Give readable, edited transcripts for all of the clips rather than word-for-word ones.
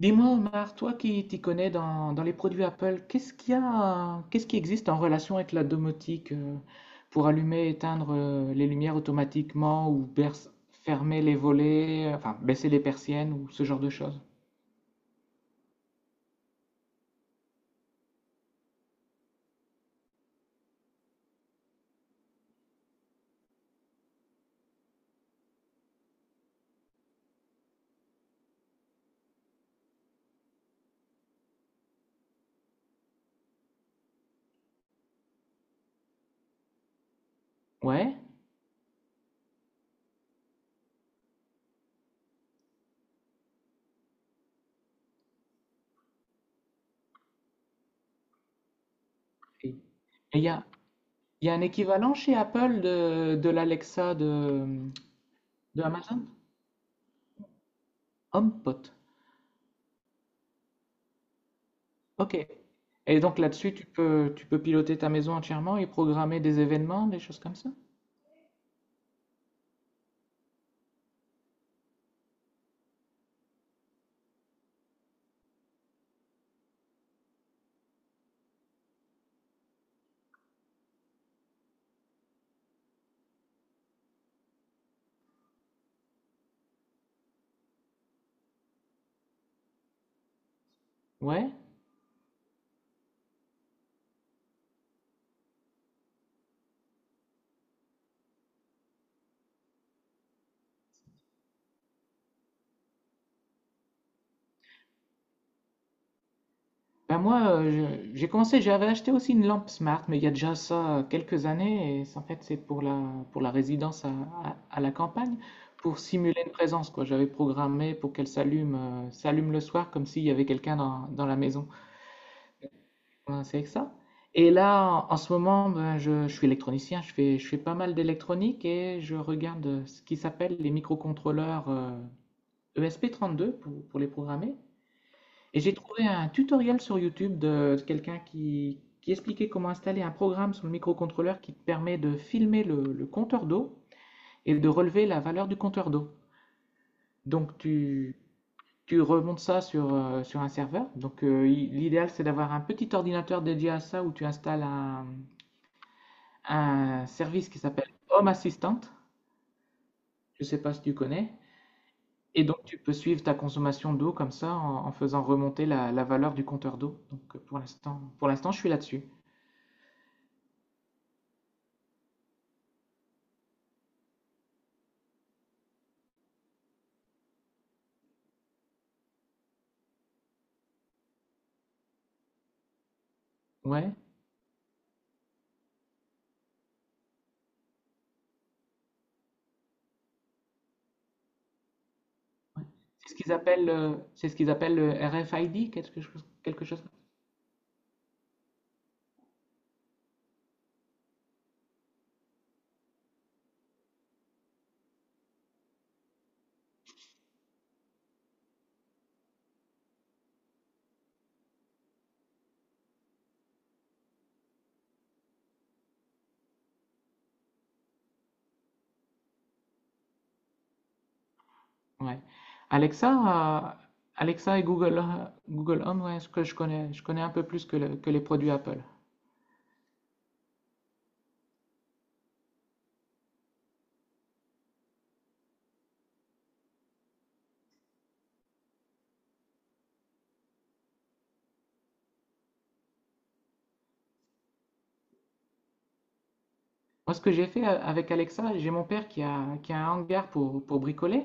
Dis-moi, Omar, toi qui t'y connais dans les produits Apple, qu'est-ce qu'il y a, qu'est-ce qui existe en relation avec la domotique, pour allumer et éteindre les lumières automatiquement ou fermer les volets, enfin baisser les persiennes ou ce genre de choses? Ouais. Et et il y a un équivalent chez Apple de l'Alexa de Amazon? HomePod. Ok. Et donc là-dessus, tu peux piloter ta maison entièrement et programmer des événements, des choses comme ça? Ouais. Ben moi, j'ai commencé, j'avais acheté aussi une lampe smart, mais il y a déjà ça quelques années, et en fait c'est pour pour la résidence à la campagne, pour simuler une présence, quoi. J'avais programmé pour qu'elle s'allume le soir, comme s'il y avait quelqu'un dans la maison. Voilà, c'est avec ça. Et là, en ce moment, ben, je suis électronicien, je fais pas mal d'électronique, et je regarde ce qui s'appelle les microcontrôleurs ESP32 pour les programmer. Et j'ai trouvé un tutoriel sur YouTube de quelqu'un qui expliquait comment installer un programme sur le microcontrôleur qui te permet de filmer le compteur d'eau et de relever la valeur du compteur d'eau. Donc tu remontes ça sur, sur un serveur. Donc l'idéal c'est d'avoir un petit ordinateur dédié à ça où tu installes un service qui s'appelle Home Assistant. Je ne sais pas si tu connais. Et donc tu peux suivre ta consommation d'eau comme ça en faisant remonter la valeur du compteur d'eau. Donc pour l'instant je suis là-dessus. Ouais. Ouais. C'est ce qu'ils appellent, c'est ce qu'ils appellent le RFID, quelque chose, quelque chose. Ouais. Alexa, Alexa et Google, Google Home, ouais, ce que je connais un peu plus que, que les produits Apple. Moi, ce que j'ai fait avec Alexa, j'ai mon père qui a un hangar pour bricoler.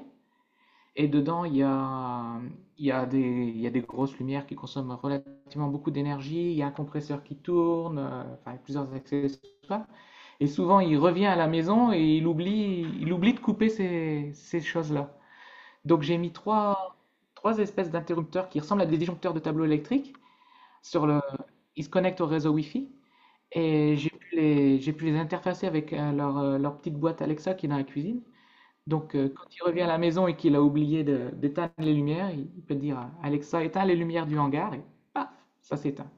Et dedans, il y a des grosses lumières qui consomment relativement beaucoup d'énergie, il y a un compresseur qui tourne, enfin, il y a plusieurs accessoires. Et souvent, il revient à la maison et il oublie de couper ces choses-là. Donc, j'ai mis trois espèces d'interrupteurs qui ressemblent à des disjoncteurs de tableau électrique. Sur le, Ils se connectent au réseau Wi-Fi et j'ai pu les interfacer avec leur petite boîte Alexa qui est dans la cuisine. Donc, quand il revient à la maison et qu'il a oublié d'éteindre les lumières, il peut dire Alexa, éteins les lumières du hangar et paf, ça s'éteint.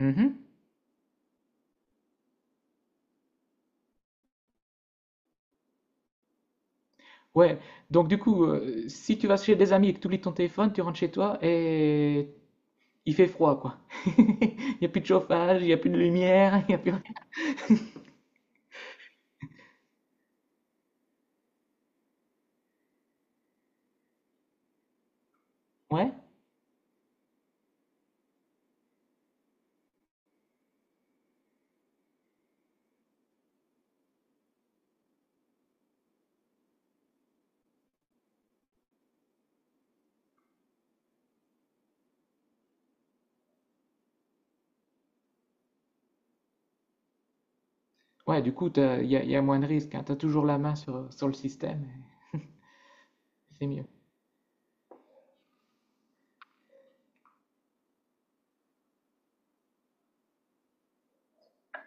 Mhm. Ouais, donc du coup, si tu vas chez des amis et que tu oublies ton téléphone, tu rentres chez toi et il fait froid, quoi. Il n'y a plus de chauffage, il n'y a plus de lumière, il n'y a plus rien. Ouais, ouais, du coup, il y a moins de risques, hein. Tu as toujours la main sur le système, et c'est mieux.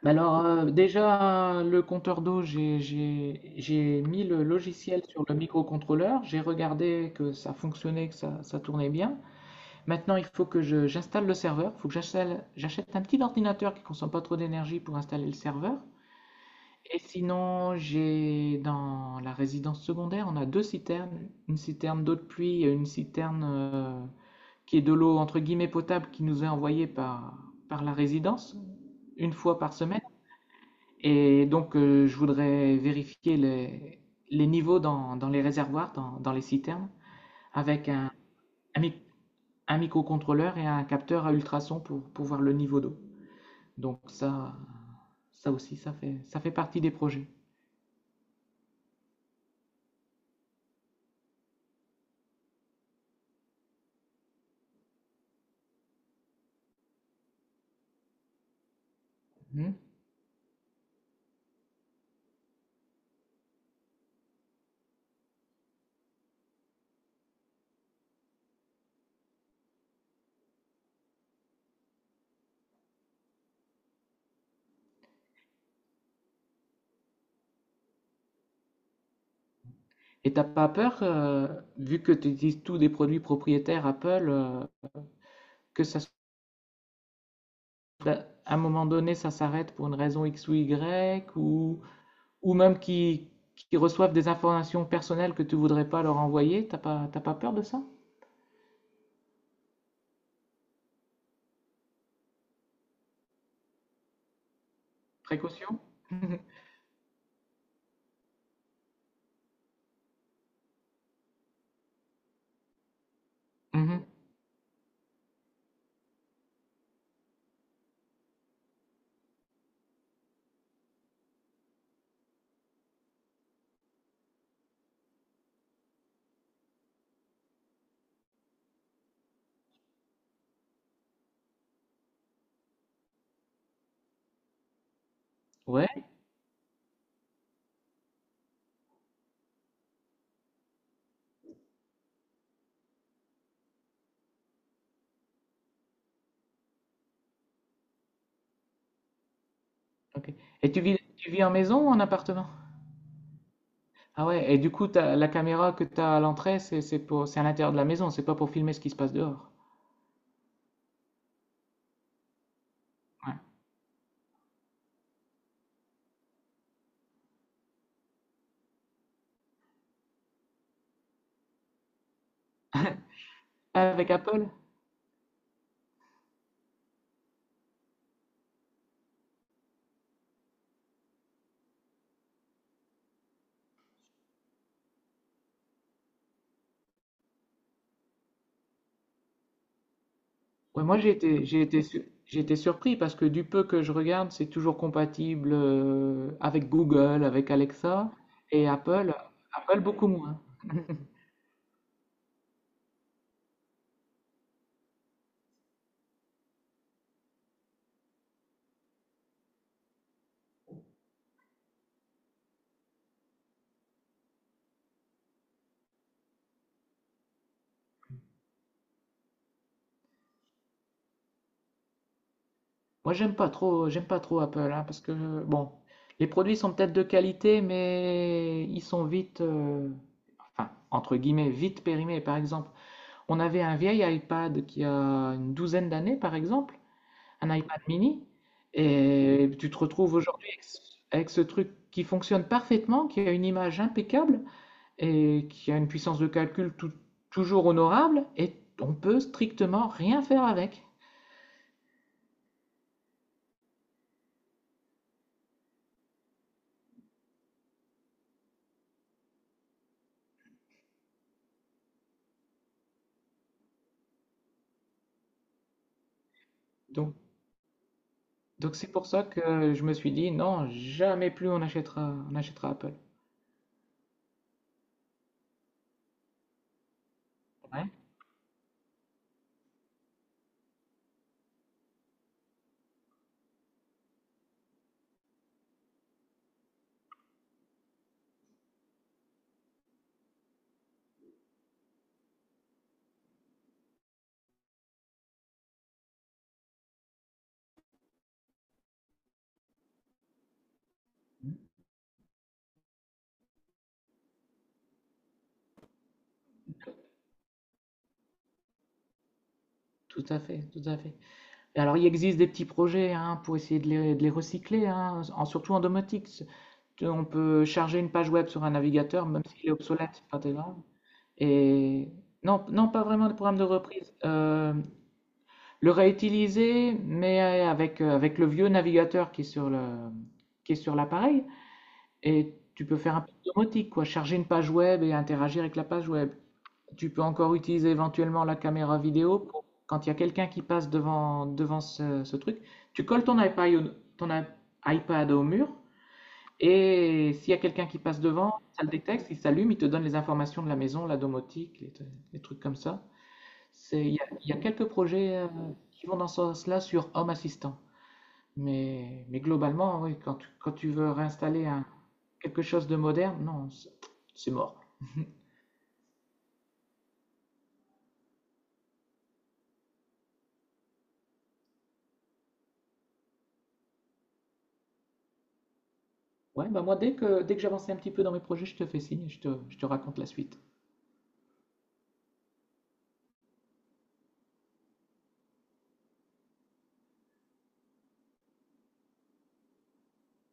Alors, déjà, le compteur d'eau, j'ai mis le logiciel sur le microcontrôleur, j'ai regardé que ça fonctionnait, ça tournait bien. Maintenant, il faut que j'installe le serveur, il faut que j'achète un petit ordinateur qui consomme pas trop d'énergie pour installer le serveur. Et sinon, j'ai dans la résidence secondaire, on a deux citernes, une citerne d'eau de pluie et une citerne qui est de l'eau entre guillemets potable qui nous est envoyée par la résidence une fois par semaine. Et donc, je voudrais vérifier les niveaux dans les réservoirs, dans les citernes, avec un, mic- un microcontrôleur et un capteur à ultrasons pour voir le niveau d'eau. Donc ça, ça aussi, ça fait partie des projets. Mhm. Et t'as pas peur, vu que tu utilises tous des produits propriétaires Apple, que ça, à un moment donné, ça s'arrête pour une raison X ou Y, ou ou même qui reçoivent des informations personnelles que tu voudrais pas leur envoyer, t'as pas peur de ça? Précaution? Mhm. Ouais, ok. Et tu vis en maison ou en appartement? Ah ouais, et du coup, la caméra que tu as à l'entrée, c'est à l'intérieur de la maison, c'est pas pour filmer ce qui se passe dehors. Ouais. Avec Apple? Ouais, moi j'ai été surpris parce que du peu que je regarde, c'est toujours compatible avec Google, avec Alexa et Apple, Apple beaucoup moins. Moi, j'aime pas trop Apple, hein, parce que bon, les produits sont peut-être de qualité, mais ils sont vite, enfin, entre guillemets, vite périmés. Par exemple, on avait un vieil iPad qui a une douzaine d'années, par exemple, un iPad mini, et tu te retrouves aujourd'hui avec ce truc qui fonctionne parfaitement, qui a une image impeccable et qui a une puissance de calcul toujours honorable, et on peut strictement rien faire avec. Donc Donc c'est pour ça que je me suis dit non, jamais plus on achètera Apple. Ouais. Mhm. Tout à fait, tout à fait. Et alors il existe des petits projets hein, pour essayer de les recycler, hein, surtout en domotique. On peut charger une page web sur un navigateur, même s'il est obsolète, c'est pas très grave. Et non, non, pas vraiment de programme de reprise. Le réutiliser, mais avec le vieux navigateur qui est qui est sur l'appareil. Et tu peux faire un peu de domotique, quoi, charger une page web et interagir avec la page web. Tu peux encore utiliser éventuellement la caméra vidéo quand il y a quelqu'un qui passe devant, ce truc. Tu colles ton iPad, au- ton i- iPad au mur et s'il y a quelqu'un qui passe devant, ça le détecte, il s'allume, il te donne les informations de la maison, la domotique, les trucs comme ça. C'est, il y a quelques projets qui vont dans ce sens-là sur Home Assistant. Mais globalement, oui, quand tu veux réinstaller quelque chose de moderne, non, c'est mort. Ouais, bah moi, dès que j'avance un petit peu dans mes projets, je te fais signe et je te raconte la suite.